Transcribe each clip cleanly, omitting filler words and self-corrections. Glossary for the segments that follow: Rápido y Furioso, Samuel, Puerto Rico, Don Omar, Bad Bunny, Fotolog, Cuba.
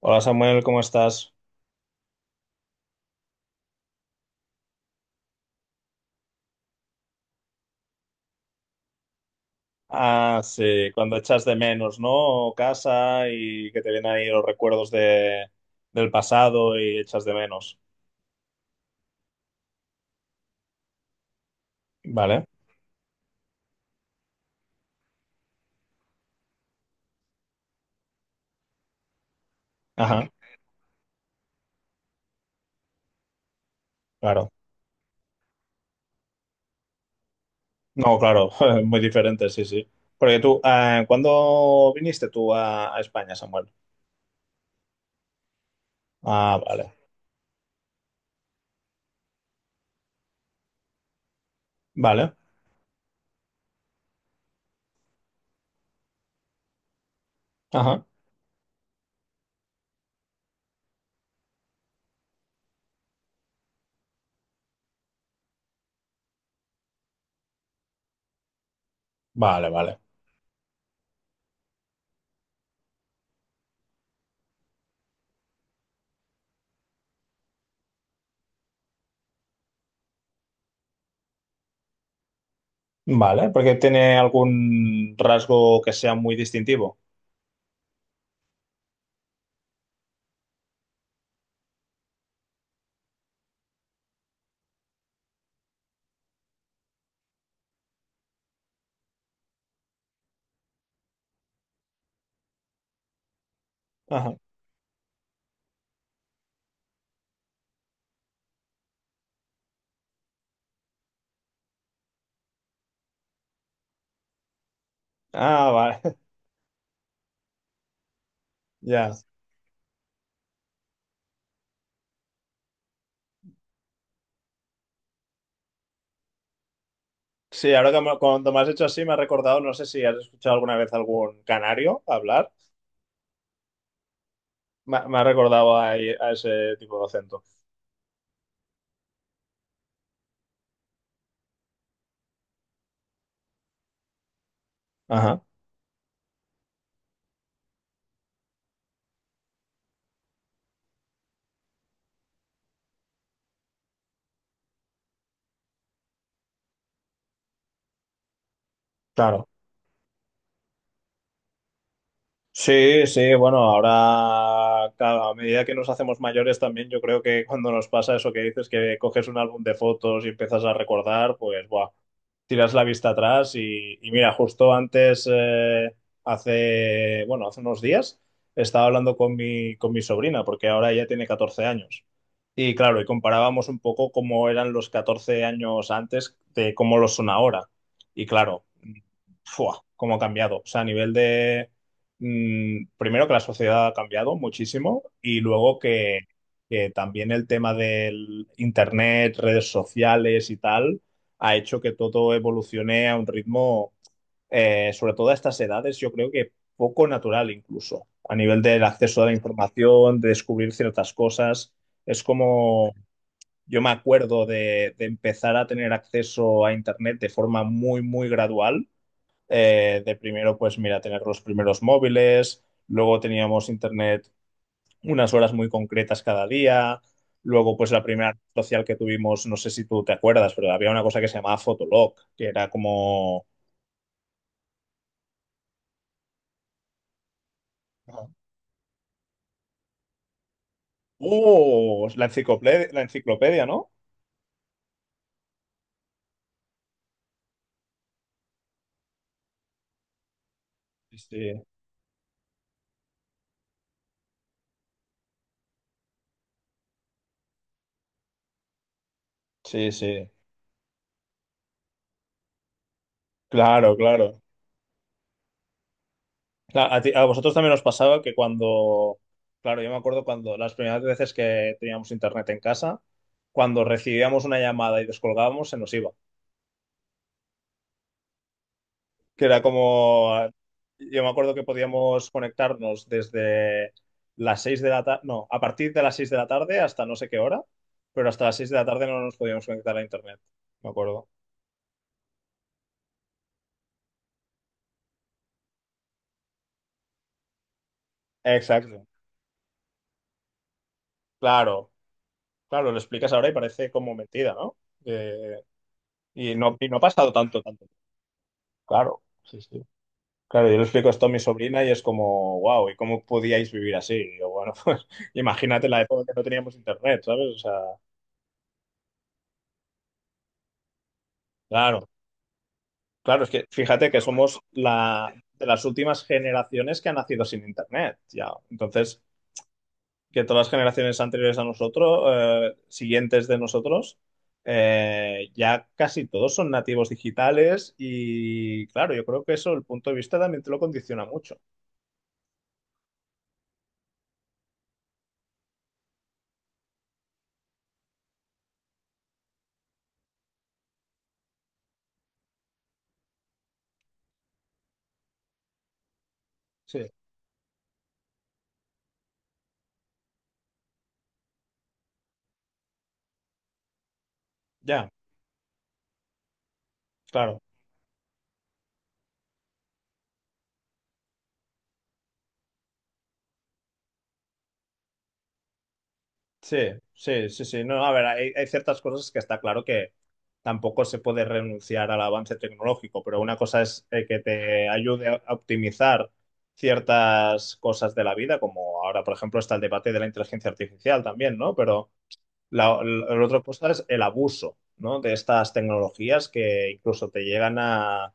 Hola Samuel, ¿cómo estás? Ah, sí, cuando echas de menos, ¿no? Casa y que te vienen ahí los recuerdos del pasado y echas de menos. Vale, ajá, claro. No, claro, muy diferente, sí, sí. Porque tú, ¿cuándo viniste tú a España, Samuel? Ah, vale, vale, ajá, vale, vale. Vale, porque tiene algún rasgo que sea muy distintivo. Ajá. Ah, vale, ya. Sí, cuando me has hecho así, me ha recordado, no sé si has escuchado alguna vez algún canario hablar, me ha recordado a ese tipo de acento. Ajá, claro. Sí, sí, bueno, ahora claro, a medida que nos hacemos mayores también yo creo que cuando nos pasa eso que dices que coges un álbum de fotos y empiezas a recordar, pues buah, tiras la vista atrás y mira, justo antes, hace, bueno, hace unos días estaba hablando con con mi sobrina porque ahora ella tiene 14 años y claro, y comparábamos un poco cómo eran los 14 años antes de cómo lo son ahora y claro, ¡fua! Cómo ha cambiado, o sea, a nivel de primero que la sociedad ha cambiado muchísimo y luego que también el tema del internet, redes sociales y tal, ha hecho que todo evolucione a un ritmo, sobre todo a estas edades, yo creo que poco natural incluso, a nivel del acceso a la información, de descubrir ciertas cosas. Es como, yo me acuerdo de empezar a tener acceso a internet de forma muy, muy gradual de primero, pues mira, tener los primeros móviles, luego teníamos internet unas horas muy concretas cada día, luego pues la primera red social que tuvimos, no sé si tú te acuerdas, pero había una cosa que se llamaba Fotolog, que era como... Ajá. ¡Oh! La enciclopedia, ¿no? Sí, sí, sí, claro, claro. ¿A a vosotros también os pasaba que cuando, claro, yo me acuerdo cuando las primeras veces que teníamos internet en casa, cuando recibíamos una llamada y descolgábamos, se nos iba? Que era como, yo me acuerdo que podíamos conectarnos desde las 6 de la tarde, no, a partir de las 6 de la tarde hasta no sé qué hora, pero hasta las 6 de la tarde no nos podíamos conectar a internet, me acuerdo. Exacto, claro, claro, lo explicas ahora y parece como mentira, ¿no? Eh, y no, y no ha pasado tanto, tanto. Claro, sí, sí. Claro, yo le explico esto a mi sobrina y es como, wow, ¿y cómo podíais vivir así? Y yo, bueno, pues imagínate la época que no teníamos internet, ¿sabes? O sea, claro. Claro, es que fíjate que somos de las últimas generaciones que han nacido sin Internet, ya. Entonces, que todas las generaciones anteriores a nosotros, siguientes de nosotros, ya casi todos son nativos digitales y, claro, yo creo que eso, el punto de vista también te lo condiciona mucho. Sí. Ya, claro. Sí, sí, sí, sí. No, a ver, hay ciertas cosas que está claro que tampoco se puede renunciar al avance tecnológico, pero una cosa es que te ayude a optimizar ciertas cosas de la vida, como ahora, por ejemplo, está el debate de la inteligencia artificial también, ¿no? Pero la otra cosa es el abuso, ¿no? De estas tecnologías que incluso te llegan a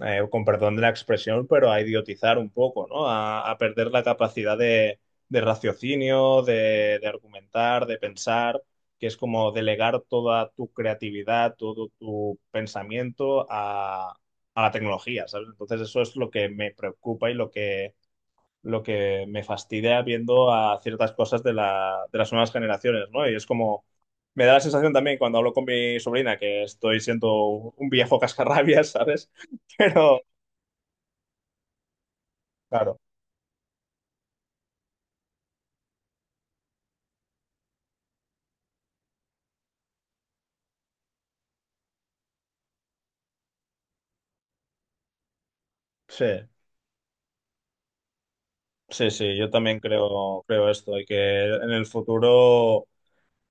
con perdón de la expresión, pero a idiotizar un poco, ¿no? A perder la capacidad de raciocinio, de argumentar, de pensar, que es como delegar toda tu creatividad, todo tu pensamiento a la tecnología, ¿sabes? Entonces eso es lo que me preocupa y lo que me fastidia viendo a ciertas cosas de, la, de las nuevas generaciones, ¿no? Y es como, me da la sensación también cuando hablo con mi sobrina que estoy siendo un viejo cascarrabias, ¿sabes? Pero, claro, sí, sí, sí, yo también creo, creo esto, y que en el futuro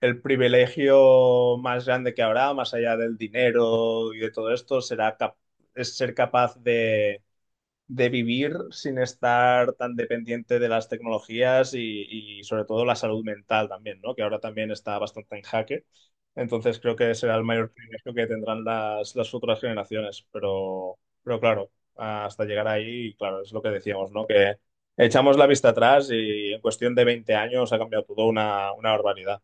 el privilegio más grande que habrá, más allá del dinero y de todo esto, es ser capaz de vivir sin estar tan dependiente de las tecnologías y sobre todo la salud mental también, ¿no? Que ahora también está bastante en jaque. Entonces creo que será el mayor privilegio que tendrán las futuras generaciones. Pero claro, hasta llegar ahí, claro, es lo que decíamos, ¿no? Que echamos la vista atrás y en cuestión de 20 años ha cambiado todo una barbaridad.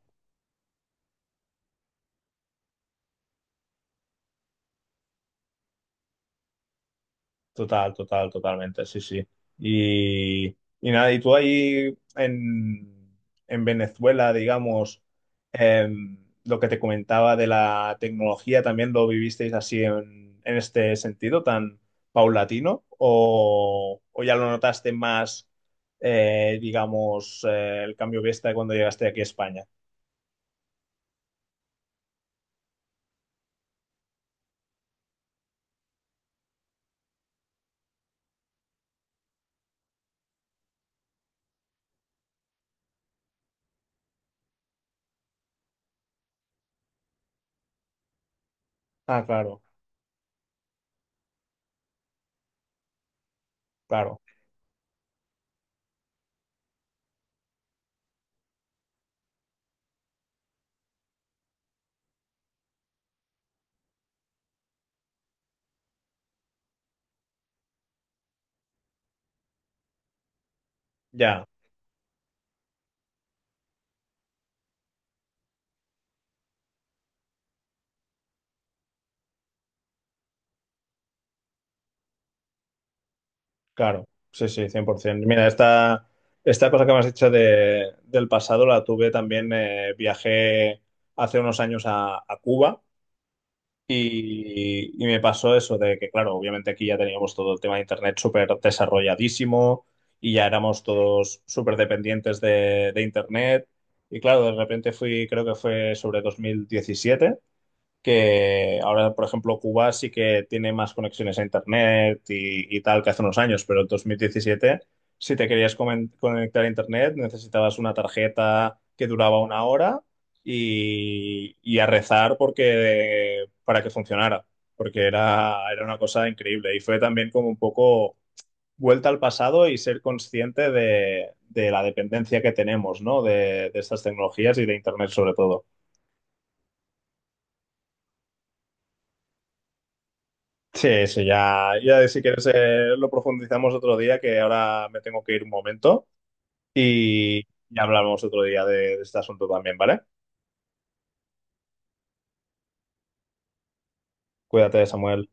Total, total, totalmente, sí, sí. Y, y nada, y tú ahí en Venezuela, digamos, em, lo que te comentaba de la tecnología, ¿también lo vivisteis así en este sentido tan paulatino? O ya lo notaste más, digamos, el cambio de vista cuando llegaste aquí a España? Ah, claro, claro. Ya. Claro, sí, sí, 100%. Mira, esta cosa que me has dicho del pasado la tuve también, viajé hace unos años a Cuba y me pasó eso de que, claro, obviamente aquí ya teníamos todo el tema de Internet súper desarrolladísimo y ya éramos todos súper dependientes de Internet. Y claro, de repente fui, creo que fue sobre 2017 que ahora, por ejemplo, Cuba sí que tiene más conexiones a Internet y tal que hace unos años, pero en 2017, si te querías conectar a Internet, necesitabas una tarjeta que duraba una hora y a rezar porque, para que funcionara, porque era, era una cosa increíble. Y fue también como un poco vuelta al pasado y ser consciente de la dependencia que tenemos, ¿no? De estas tecnologías y de Internet sobre todo. Sí, sí, ya, ya si quieres lo profundizamos otro día, que ahora me tengo que ir un momento y, y hablamos otro día de este asunto también, ¿vale? Cuídate, Samuel.